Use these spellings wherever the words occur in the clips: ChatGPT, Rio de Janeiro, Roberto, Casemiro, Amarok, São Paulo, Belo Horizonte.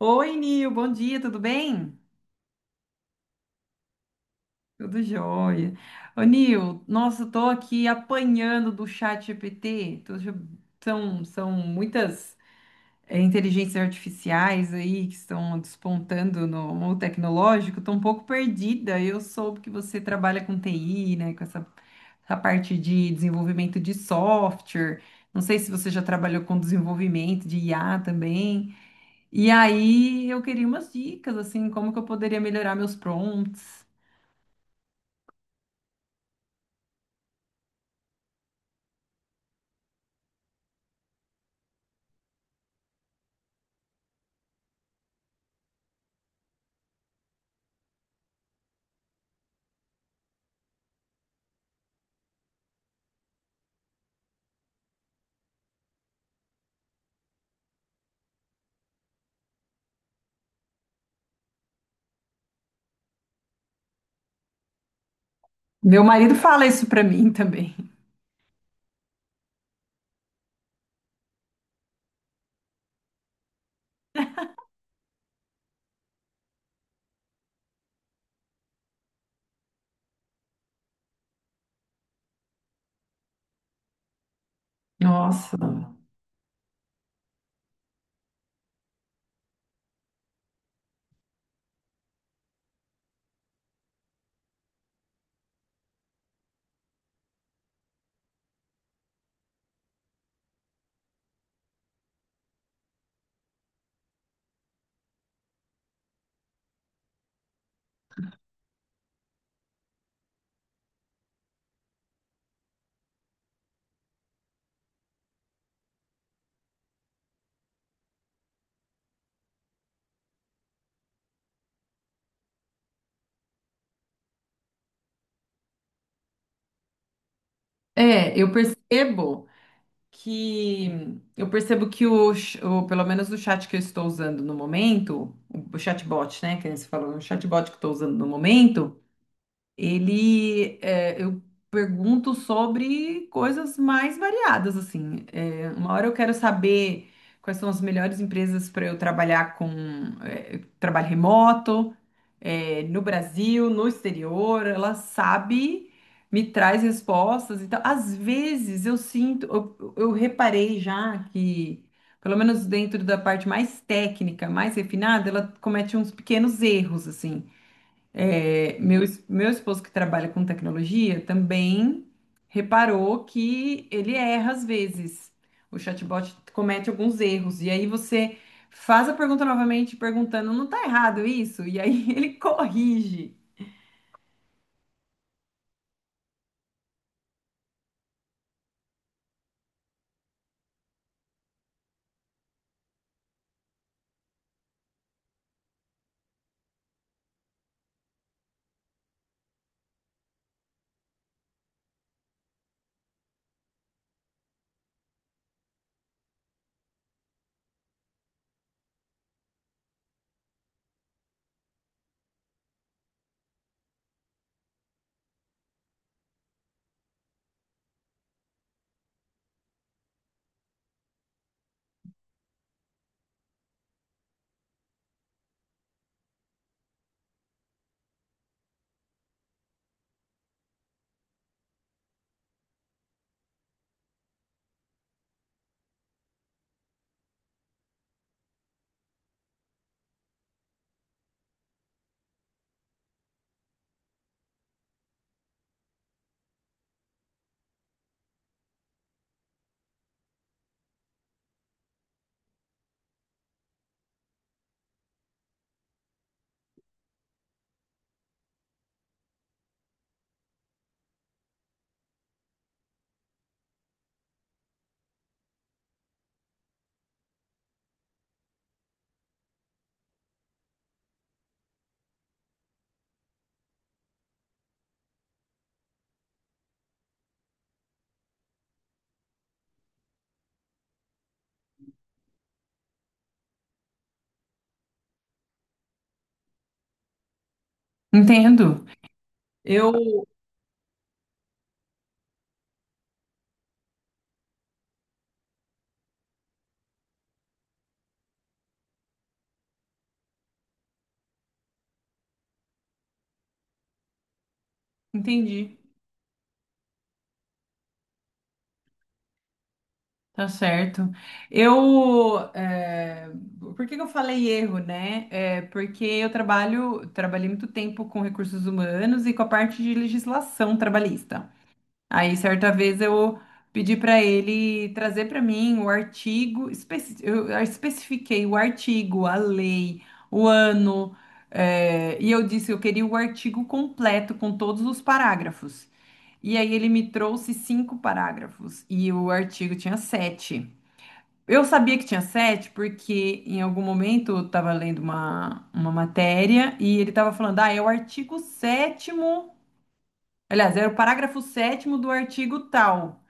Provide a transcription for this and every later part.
Oi, Nil, bom dia, tudo bem? Tudo jóia. Ô, Nil, nossa, eu tô aqui apanhando do chat GPT. São muitas inteligências artificiais aí que estão despontando no mundo tecnológico. Tô um pouco perdida. Eu soube que você trabalha com TI, né? Essa parte de desenvolvimento de software. Não sei se você já trabalhou com desenvolvimento de IA também. E aí eu queria umas dicas, assim, como que eu poderia melhorar meus prompts. Meu marido fala isso pra mim também. Nossa. É, que eu percebo que pelo menos o chat que eu estou usando no momento, o chatbot, né, que você falou, o chatbot que eu estou usando no momento, eu pergunto sobre coisas mais variadas, assim. É, uma hora eu quero saber quais são as melhores empresas para eu trabalhar com trabalho remoto, é, no Brasil, no exterior. Ela sabe, me traz respostas. Então, às vezes eu sinto, eu reparei já que, pelo menos dentro da parte mais técnica, mais refinada, ela comete uns pequenos erros, assim. É, meu esposo que trabalha com tecnologia também reparou que ele erra às vezes. O chatbot comete alguns erros. E aí você faz a pergunta novamente, perguntando, não tá errado isso? E aí ele corrige. Entendo. Eu entendi. Tá certo. Eu, é, por que que eu falei erro, né? É porque eu trabalhei muito tempo com recursos humanos e com a parte de legislação trabalhista. Aí, certa vez, eu pedi para ele trazer para mim o artigo, eu especifiquei o artigo, a lei, o ano, e eu disse que eu queria o artigo completo com todos os parágrafos. E aí ele me trouxe cinco parágrafos e o artigo tinha sete. Eu sabia que tinha sete porque em algum momento eu estava lendo uma matéria e ele estava falando, ah, é o artigo sétimo, aliás, era o parágrafo sétimo do artigo tal.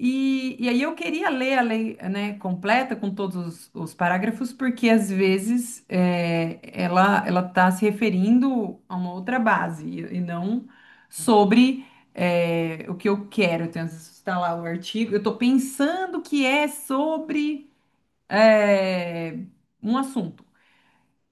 E aí eu queria ler a lei, né, completa com todos os parágrafos, porque às vezes é, ela está se referindo a uma outra base e não sobre é, o que eu quero. Então, às vezes está lá o artigo, eu estou pensando que é sobre é, um assunto.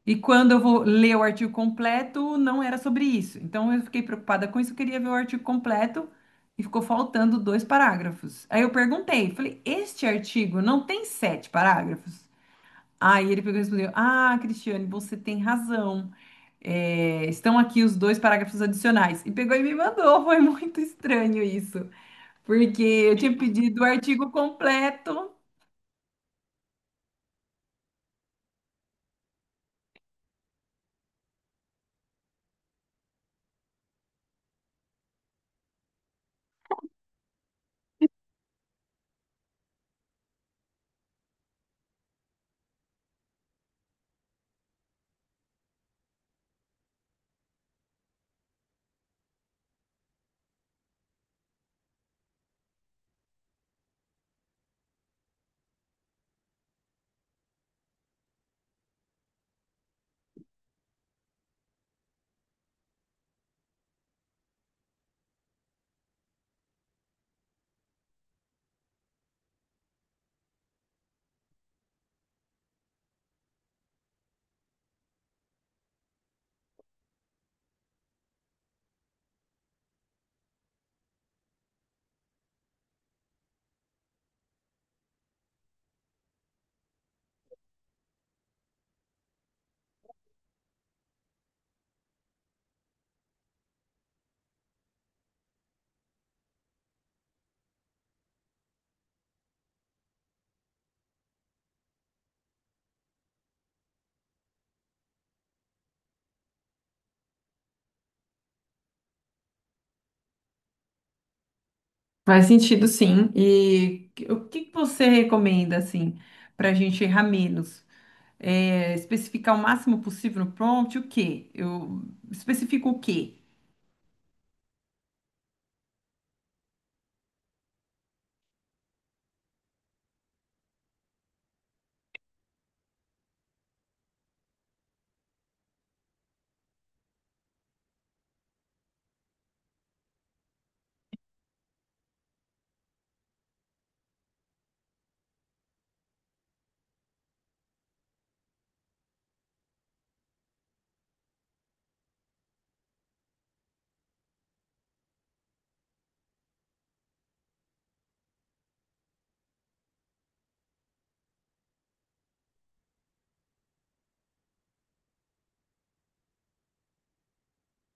E quando eu vou ler o artigo completo, não era sobre isso. Então eu fiquei preocupada com isso, eu queria ver o artigo completo e ficou faltando dois parágrafos. Aí eu perguntei, falei, este artigo não tem sete parágrafos? Aí ele pegou e respondeu: Ah, Cristiane, você tem razão. É, estão aqui os dois parágrafos adicionais. E pegou e me mandou. Foi muito estranho isso, porque eu tinha pedido o artigo completo. Faz sentido, sim. E o que que você recomenda, assim, para a gente errar menos? É, especificar o máximo possível no prompt, o quê? Eu especifico o quê?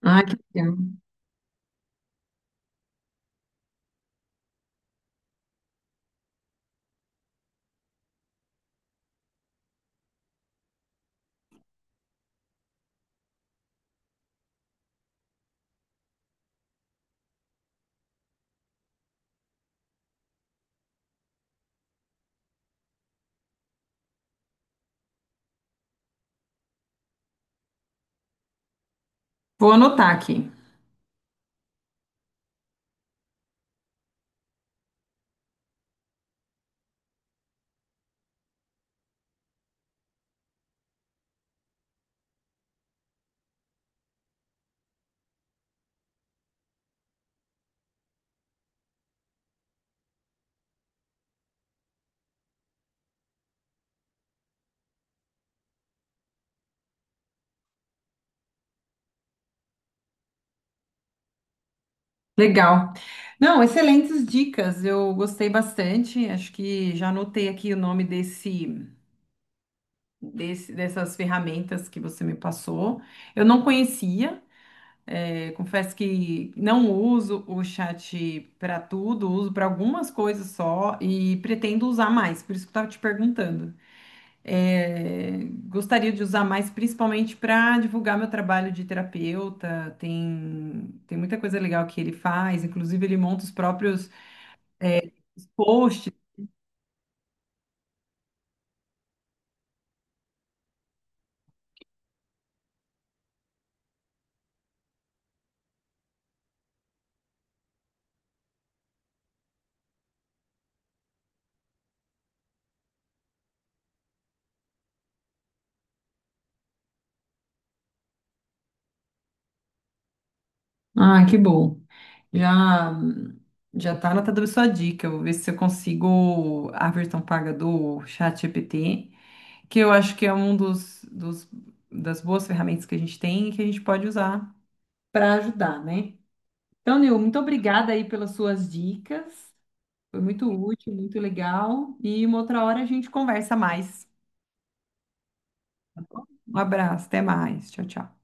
Ah, que legal. Vou anotar aqui. Legal. Não, excelentes dicas. Eu gostei bastante. Acho que já anotei aqui o nome dessas ferramentas que você me passou. Eu não conhecia. É, confesso que não uso o chat para tudo, uso para algumas coisas só e pretendo usar mais, por isso que eu estava te perguntando. É, gostaria de usar mais, principalmente para divulgar meu trabalho de terapeuta. Tem muita coisa legal que ele faz, inclusive ele monta os próprios posts. Ah, que bom. Já já tá anotada a sua dica. Eu vou ver se eu consigo a versão paga do chat GPT que eu acho que é um das boas ferramentas que a gente tem e que a gente pode usar para ajudar, né? Então, Nil, muito obrigada aí pelas suas dicas. Foi muito útil, muito legal. E uma outra hora a gente conversa mais. Um abraço, até mais. Tchau, tchau.